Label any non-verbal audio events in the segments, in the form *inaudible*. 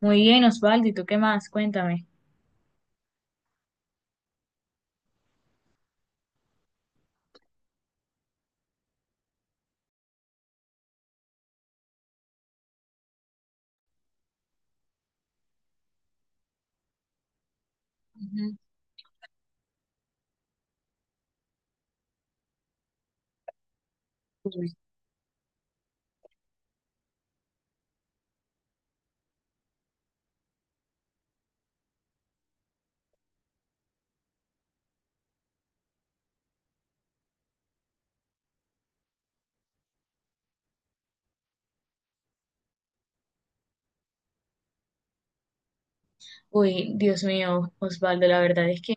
Muy bien, Osvaldo, ¿y tú qué más? Cuéntame. Ujú. Uy, Dios mío, Osvaldo, la verdad es que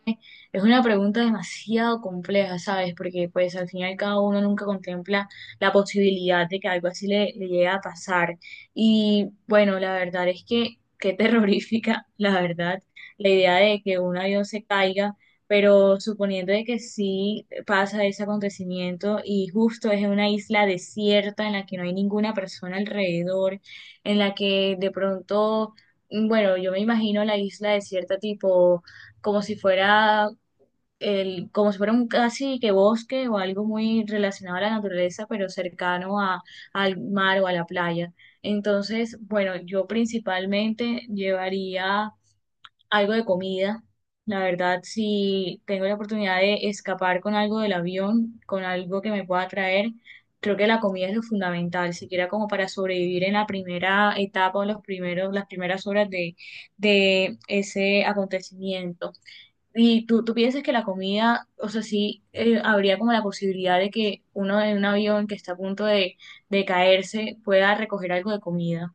es una pregunta demasiado compleja, ¿sabes? Porque pues al final cada uno nunca contempla la posibilidad de que algo así le llegue a pasar. Y bueno, la verdad es que qué terrorífica, *laughs* la verdad, la idea de que un avión se caiga, pero suponiendo de que sí pasa ese acontecimiento y justo es en una isla desierta en la que no hay ninguna persona alrededor, en la que de pronto bueno, yo me imagino la isla desierta tipo como si fuera como si fuera un casi que bosque o algo muy relacionado a la naturaleza, pero al mar o a la playa. Entonces, bueno, yo principalmente llevaría algo de comida. La verdad, si tengo la oportunidad de escapar con algo del avión, con algo que me pueda traer, creo que la comida es lo fundamental, siquiera como para sobrevivir en la primera etapa o las primeras horas de ese acontecimiento. Y tú piensas que la comida, o sea, sí, habría como la posibilidad de que uno en un avión que está a punto de caerse pueda recoger algo de comida.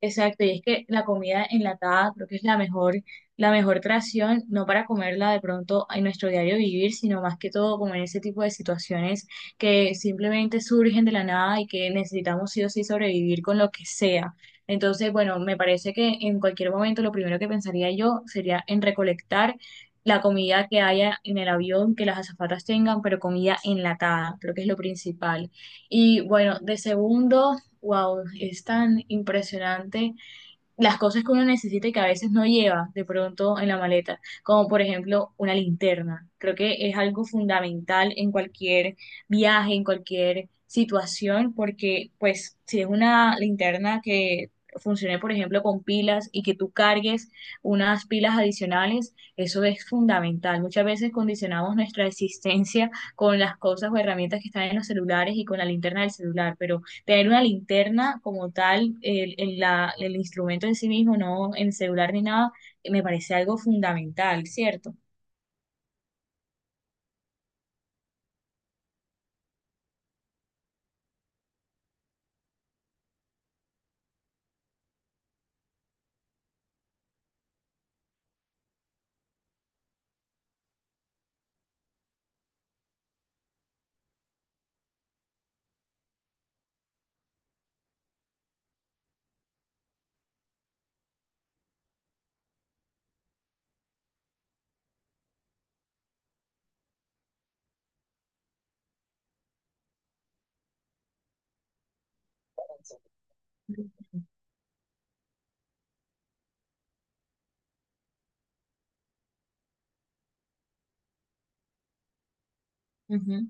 Exacto, y es que la comida enlatada creo que es la mejor creación, no para comerla de pronto en nuestro diario vivir, sino más que todo como en ese tipo de situaciones que simplemente surgen de la nada y que necesitamos sí o sí sobrevivir con lo que sea. Entonces, bueno, me parece que en cualquier momento lo primero que pensaría yo sería en recolectar la comida que haya en el avión, que las azafatas tengan, pero comida enlatada, creo que es lo principal. Y bueno, de segundo. Wow, es tan impresionante las cosas que uno necesita y que a veces no lleva de pronto en la maleta, como por ejemplo una linterna. Creo que es algo fundamental en cualquier viaje, en cualquier situación, porque pues si es una linterna que funcione por ejemplo con pilas y que tú cargues unas pilas adicionales, eso es fundamental. Muchas veces condicionamos nuestra existencia con las cosas o herramientas que están en los celulares y con la linterna del celular, pero tener una linterna como tal, el instrumento en sí mismo, no en celular ni nada, me parece algo fundamental, ¿cierto? Ujú.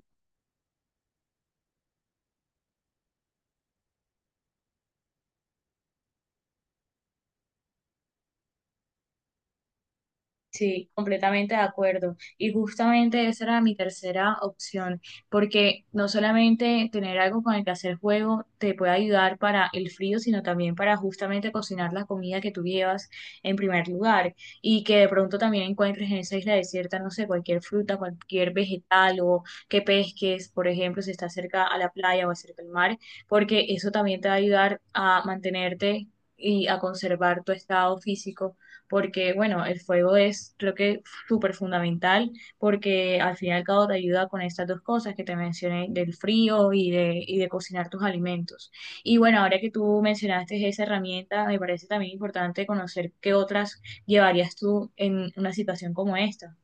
Sí, completamente de acuerdo. Y justamente esa era mi tercera opción, porque no solamente tener algo con el que hacer juego te puede ayudar para el frío, sino también para justamente cocinar la comida que tú llevas en primer lugar y que de pronto también encuentres en esa isla desierta, no sé, cualquier fruta, cualquier vegetal o que pesques, por ejemplo, si estás cerca a la playa o cerca al mar, porque eso también te va a ayudar a mantenerte y a conservar tu estado físico porque bueno, el fuego es creo que súper fundamental porque al fin y al cabo te ayuda con estas dos cosas que te mencioné del frío y de cocinar tus alimentos. Y bueno, ahora que tú mencionaste esa herramienta, me parece también importante conocer qué otras llevarías tú en una situación como esta.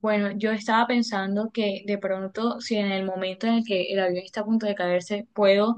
Bueno, yo estaba pensando que de pronto, si en el momento en el que el avión está a punto de caerse, puedo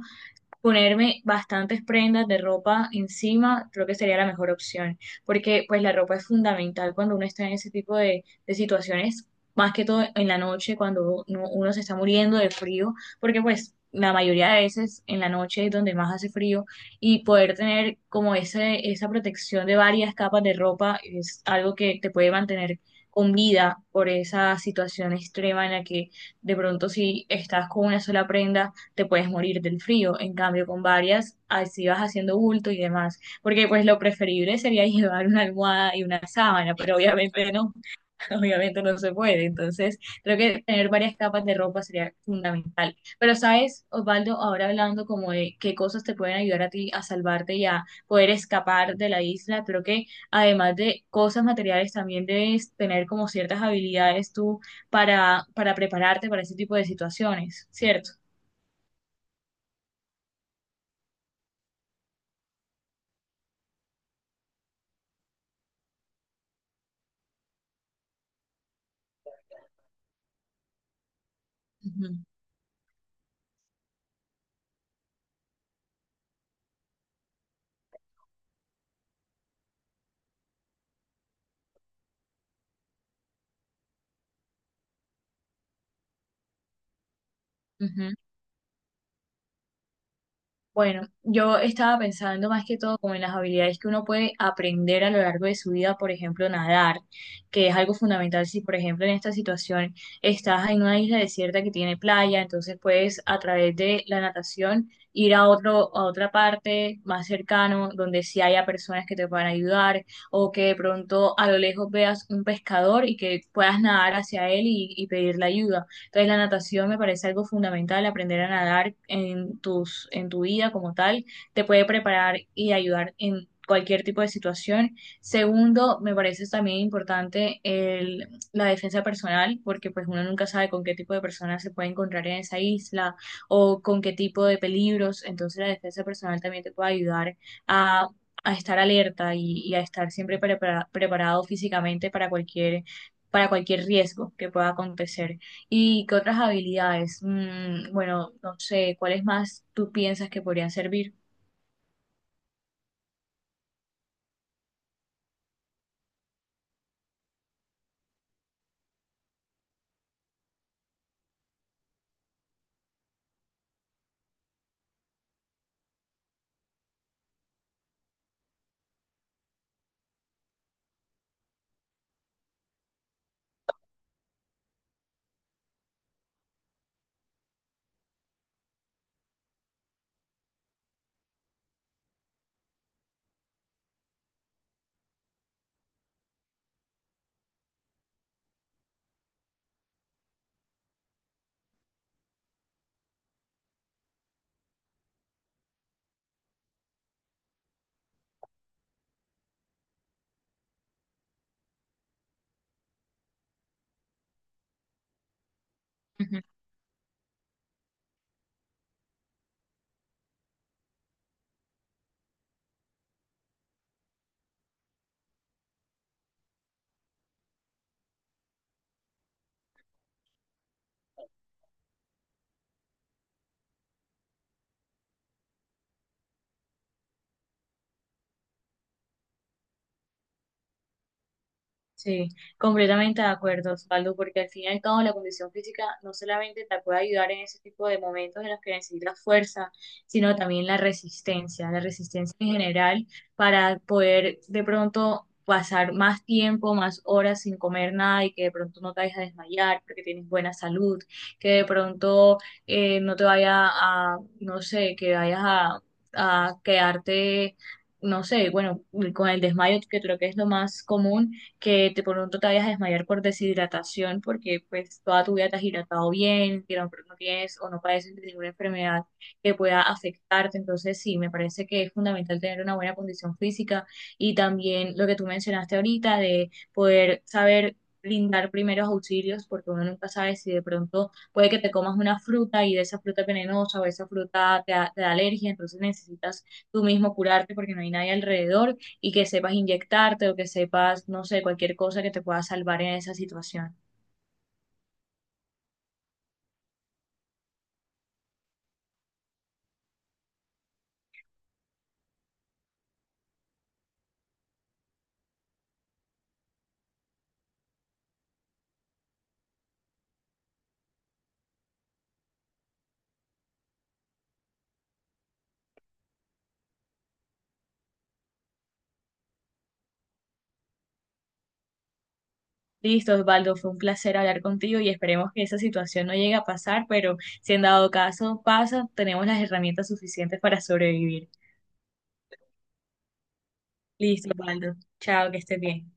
ponerme bastantes prendas de ropa encima, creo que sería la mejor opción, porque pues la ropa es fundamental cuando uno está en ese tipo de situaciones, más que todo en la noche, cuando uno se está muriendo de frío, porque pues la mayoría de veces en la noche es donde más hace frío y poder tener como ese, esa protección de varias capas de ropa es algo que te puede mantener con vida por esa situación extrema en la que de pronto si estás con una sola prenda, te puedes morir del frío. En cambio, con varias, así vas haciendo bulto y demás. Porque pues lo preferible sería *laughs* llevar una almohada y una sábana, pero obviamente no, *laughs* obviamente no se puede. Entonces, creo que tener varias capas de ropa sería fundamental. Pero sabes, Osvaldo, ahora hablando como de qué cosas te pueden ayudar a ti a salvarte y a poder escapar de la isla, creo que además de cosas materiales, también debes tener como ciertas habilidades tú para prepararte para ese tipo de situaciones, ¿cierto? Ujú. Ujú. Bueno, yo estaba pensando más que todo como en las habilidades que uno puede aprender a lo largo de su vida, por ejemplo, nadar, que es algo fundamental si, por ejemplo, en esta situación estás en una isla desierta que tiene playa, entonces puedes a través de la natación ir a otra parte más cercano, donde sí haya personas que te puedan ayudar, o que de pronto a lo lejos veas un pescador y que puedas nadar hacia él y pedirle ayuda. Entonces, la natación me parece algo fundamental, aprender a nadar en tu vida como tal, te puede preparar y ayudar en cualquier tipo de situación. Segundo, me parece también importante la defensa personal, porque pues uno nunca sabe con qué tipo de personas se puede encontrar en esa isla o con qué tipo de peligros. Entonces, la defensa personal también te puede ayudar a a estar alerta y a estar siempre preparado físicamente para cualquier riesgo que pueda acontecer. ¿Y qué otras habilidades? Bueno, no sé, ¿cuáles más tú piensas que podrían servir? Sí, completamente de acuerdo, Osvaldo, porque al fin y al cabo la condición física no solamente te puede ayudar en ese tipo de momentos en los que necesitas fuerza, sino también la resistencia en general para poder de pronto pasar más tiempo, más horas sin comer nada y que de pronto no te vayas a desmayar porque tienes buena salud, que de pronto no te vaya a, no sé, que vayas a quedarte, no sé, bueno, con el desmayo que creo que es lo más común que de pronto te vayas a desmayar por deshidratación porque pues toda tu vida te has hidratado bien, que no tienes o no padeces de ninguna enfermedad que pueda afectarte. Entonces sí, me parece que es fundamental tener una buena condición física y también lo que tú mencionaste ahorita de poder saber brindar primeros auxilios porque uno nunca sabe si de pronto puede que te comas una fruta y de esa fruta es venenosa o esa fruta te da alergia, entonces necesitas tú mismo curarte porque no hay nadie alrededor y que sepas inyectarte o que sepas, no sé, cualquier cosa que te pueda salvar en esa situación. Listo, Osvaldo, fue un placer hablar contigo y esperemos que esa situación no llegue a pasar, pero si en dado caso pasa, tenemos las herramientas suficientes para sobrevivir. Listo, Osvaldo. Chao, que estés bien.